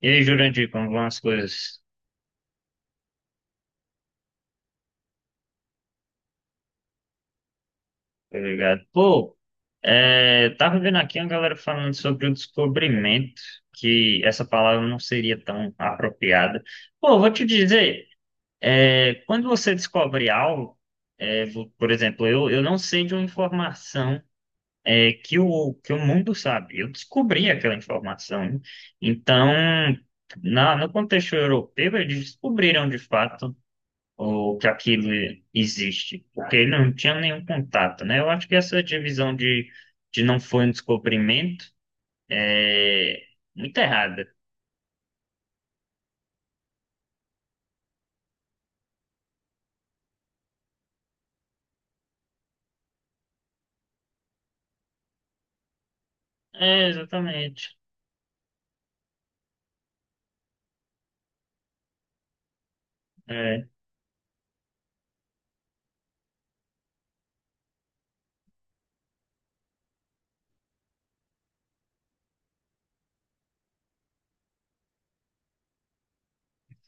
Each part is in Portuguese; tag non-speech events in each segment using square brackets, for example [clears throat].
E aí, Jurandir, como vão as coisas? Obrigado. Pô, tava vendo aqui uma galera falando sobre o descobrimento, que essa palavra não seria tão apropriada. Pô, vou te dizer, quando você descobre algo, por exemplo, eu não sei de uma informação que o mundo sabe. Eu descobri aquela informação, né? Então, no contexto europeu, eles descobriram de fato ou que aquilo existe, porque ele não tinha nenhum contato, né? Eu acho que essa divisão de não foi um descobrimento é muito errada. É, exatamente. É,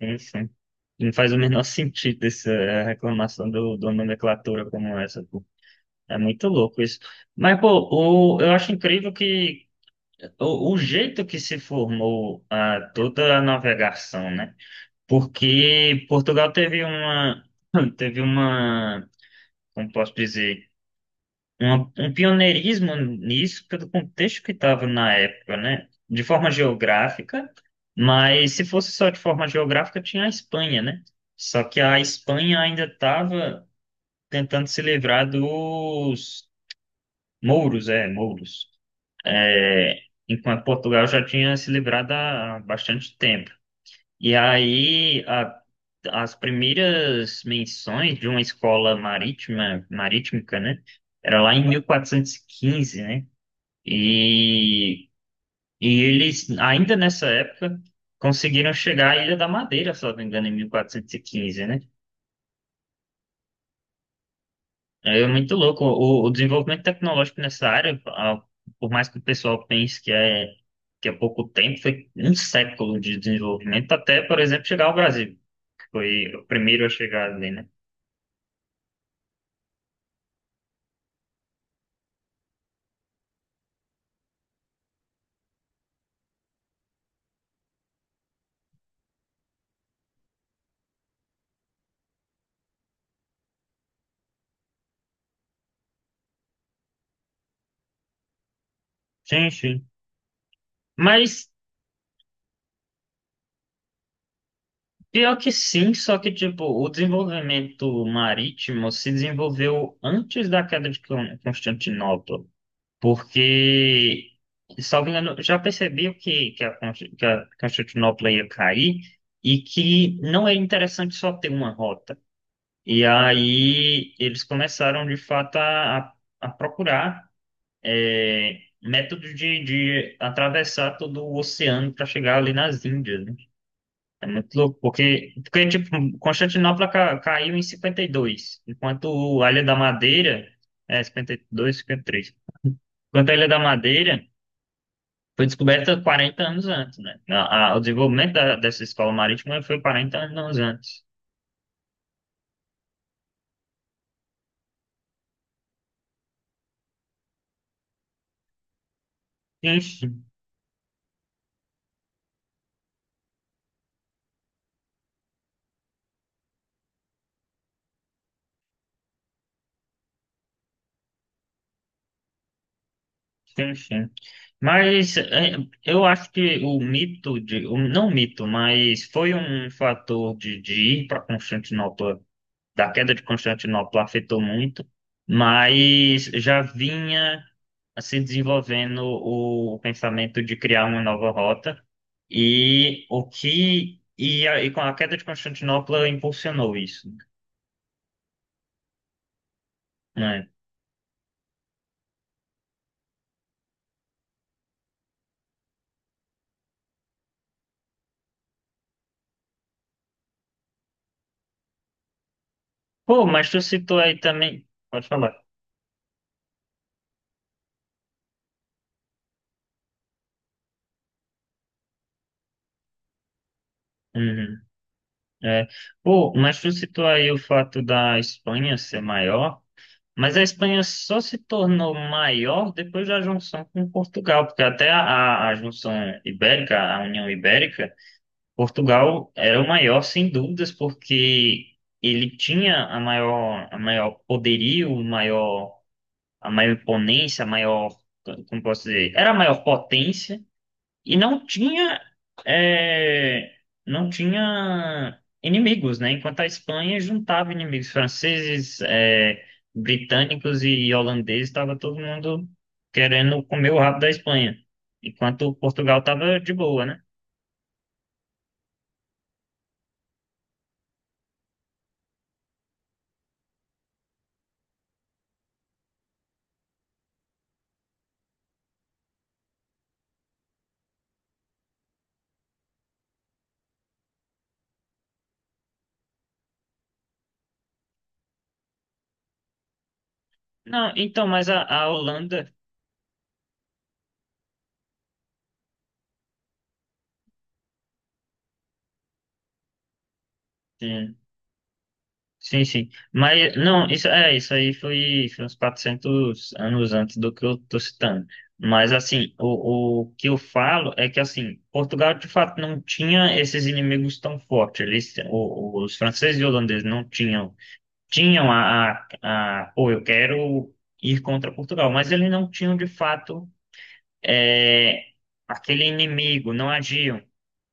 sim, sim. Não faz o menor [laughs] sentido essa reclamação do nomenclatura como essa, pô. É muito louco isso. Mas, pô, eu acho incrível que o jeito que se formou ah, toda a navegação, né? Porque Portugal teve uma, [clears throat] teve uma, como posso dizer, um pioneirismo nisso pelo contexto que estava na época, né? De forma geográfica, mas se fosse só de forma geográfica, tinha a Espanha, né? Só que a Espanha ainda estava tentando se livrar dos mouros, é, mouros, é, enquanto Portugal já tinha se livrado há bastante tempo. E aí, as primeiras menções de uma escola marítima, marítica, né? Era lá em 1415, né? E, e eles, ainda nessa época, conseguiram chegar à Ilha da Madeira, se eu não me engano, em 1415, né? É muito louco. O desenvolvimento tecnológico nessa área, por mais que o pessoal pense que é pouco tempo, foi um século de desenvolvimento até, por exemplo, chegar ao Brasil, que foi o primeiro a chegar ali, né? Sim, sim. Mas pior que sim, só que tipo, o desenvolvimento marítimo se desenvolveu antes da queda de Constantinopla, porque, salvo engano, já percebiam que a Constantinopla ia cair e que não era interessante só ter uma rota. E aí eles começaram de fato a procurar métodos de atravessar todo o oceano para chegar ali nas Índias, né? É muito louco, porque tipo, Constantinopla caiu em 52 enquanto a Ilha da Madeira, é 52, 53. Enquanto a Ilha da Madeira foi descoberta 40 anos antes, né? O desenvolvimento dessa escola marítima foi 40 anos antes. Enfim, enfim. Mas é, eu acho que o mito não mito, mas foi um fator de ir para Constantinopla da queda de Constantinopla afetou muito, mas já vinha se desenvolvendo o pensamento de criar uma nova rota e o que e, a, e com a queda de Constantinopla impulsionou isso, né? Pô, mas tu citou aí também, pode falar. Uhum, é. Pô, mas tu citou aí o fato da Espanha ser maior. Mas a Espanha só se tornou maior depois da junção com Portugal, porque até a junção ibérica, a União Ibérica, Portugal era o maior, sem dúvidas, porque ele tinha a maior poderio, o maior, a maior imponência, a maior, como posso dizer, era a maior potência. E não tinha, é, não tinha inimigos, né? Enquanto a Espanha juntava inimigos franceses, é, britânicos e holandeses, estava todo mundo querendo comer o rabo da Espanha, enquanto Portugal estava de boa, né? Não, então, mas a Holanda, é, sim, sim. Mas, não, isso, é, isso aí foi, foi uns 400 anos antes do que eu tô citando. Mas, assim, o que eu falo é que, assim, Portugal, de fato, não tinha esses inimigos tão fortes. Eles, os franceses e holandeses não tinham, tinham a, pô, eu quero ir contra Portugal, mas eles não tinham, de fato, é, aquele inimigo,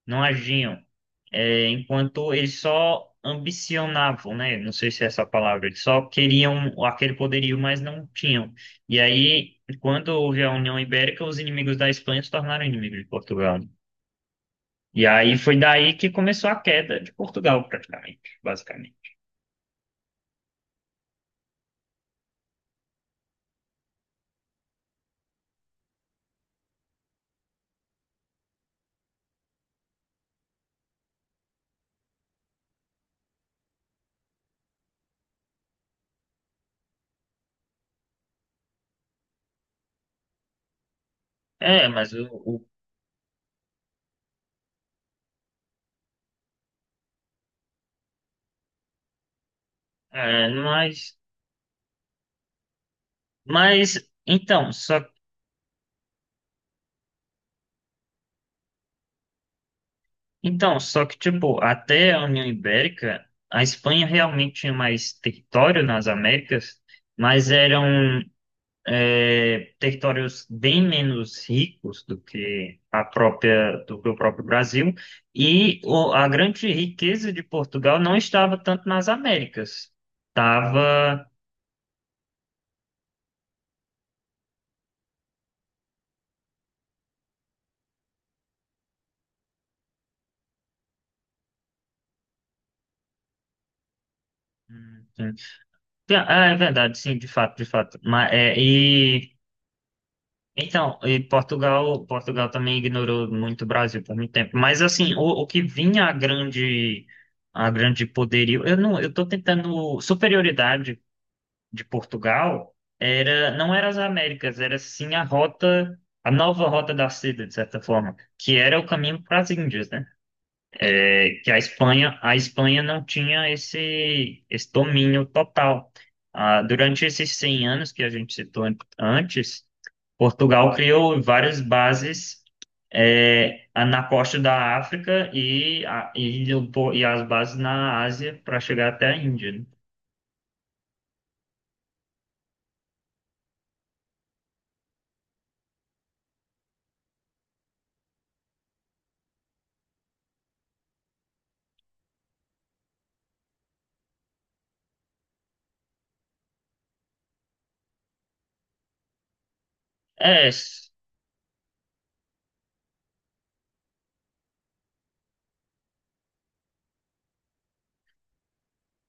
não agiam, é, enquanto eles só ambicionavam, né? Não sei se é essa a palavra, eles só queriam aquele poderio, mas não tinham. E aí, quando houve a União Ibérica, os inimigos da Espanha se tornaram inimigos de Portugal, né? E aí foi daí que começou a queda de Portugal, praticamente, basicamente. É, mas o- é, mas então, só Então, só que, tipo, até a União Ibérica, a Espanha realmente tinha mais território nas Américas, mas eram territórios bem menos ricos do que a própria, do que o próprio Brasil, e a grande riqueza de Portugal não estava tanto nas Américas, estava... Ah, é verdade, sim, de fato, de fato. Então, e Portugal, Portugal também ignorou muito o Brasil por muito tempo. Mas assim, o que vinha a grande poderio, eu não, eu tô tentando superioridade de Portugal era não era as Américas, era sim a rota, a nova rota da seda, de certa forma, que era o caminho para as Índias, né? É que a Espanha não tinha esse domínio total. Ah, durante esses 100 anos que a gente citou antes, Portugal criou várias bases na costa da África e as bases na Ásia para chegar até a Índia, né? É, s-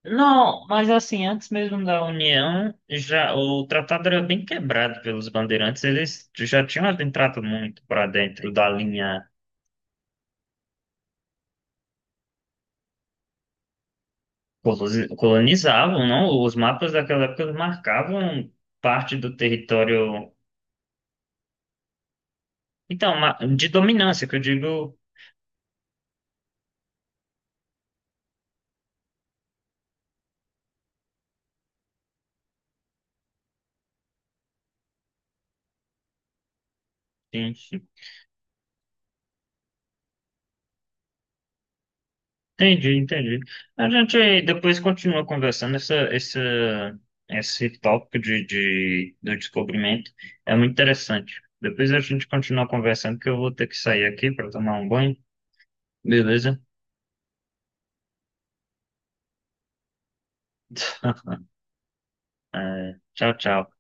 não, mas assim, antes mesmo da União, já o tratado era bem quebrado pelos bandeirantes, eles já tinham entrado muito para dentro da linha. Colonizavam, não? Os mapas daquela época marcavam parte do território. Então, de dominância, que eu digo. Sim, sim. Entendi, entendi. A gente depois continua conversando esse tópico do descobrimento. É muito interessante. Depois a gente continua conversando, que eu vou ter que sair aqui para tomar um banho. Beleza? [laughs] É, tchau, tchau.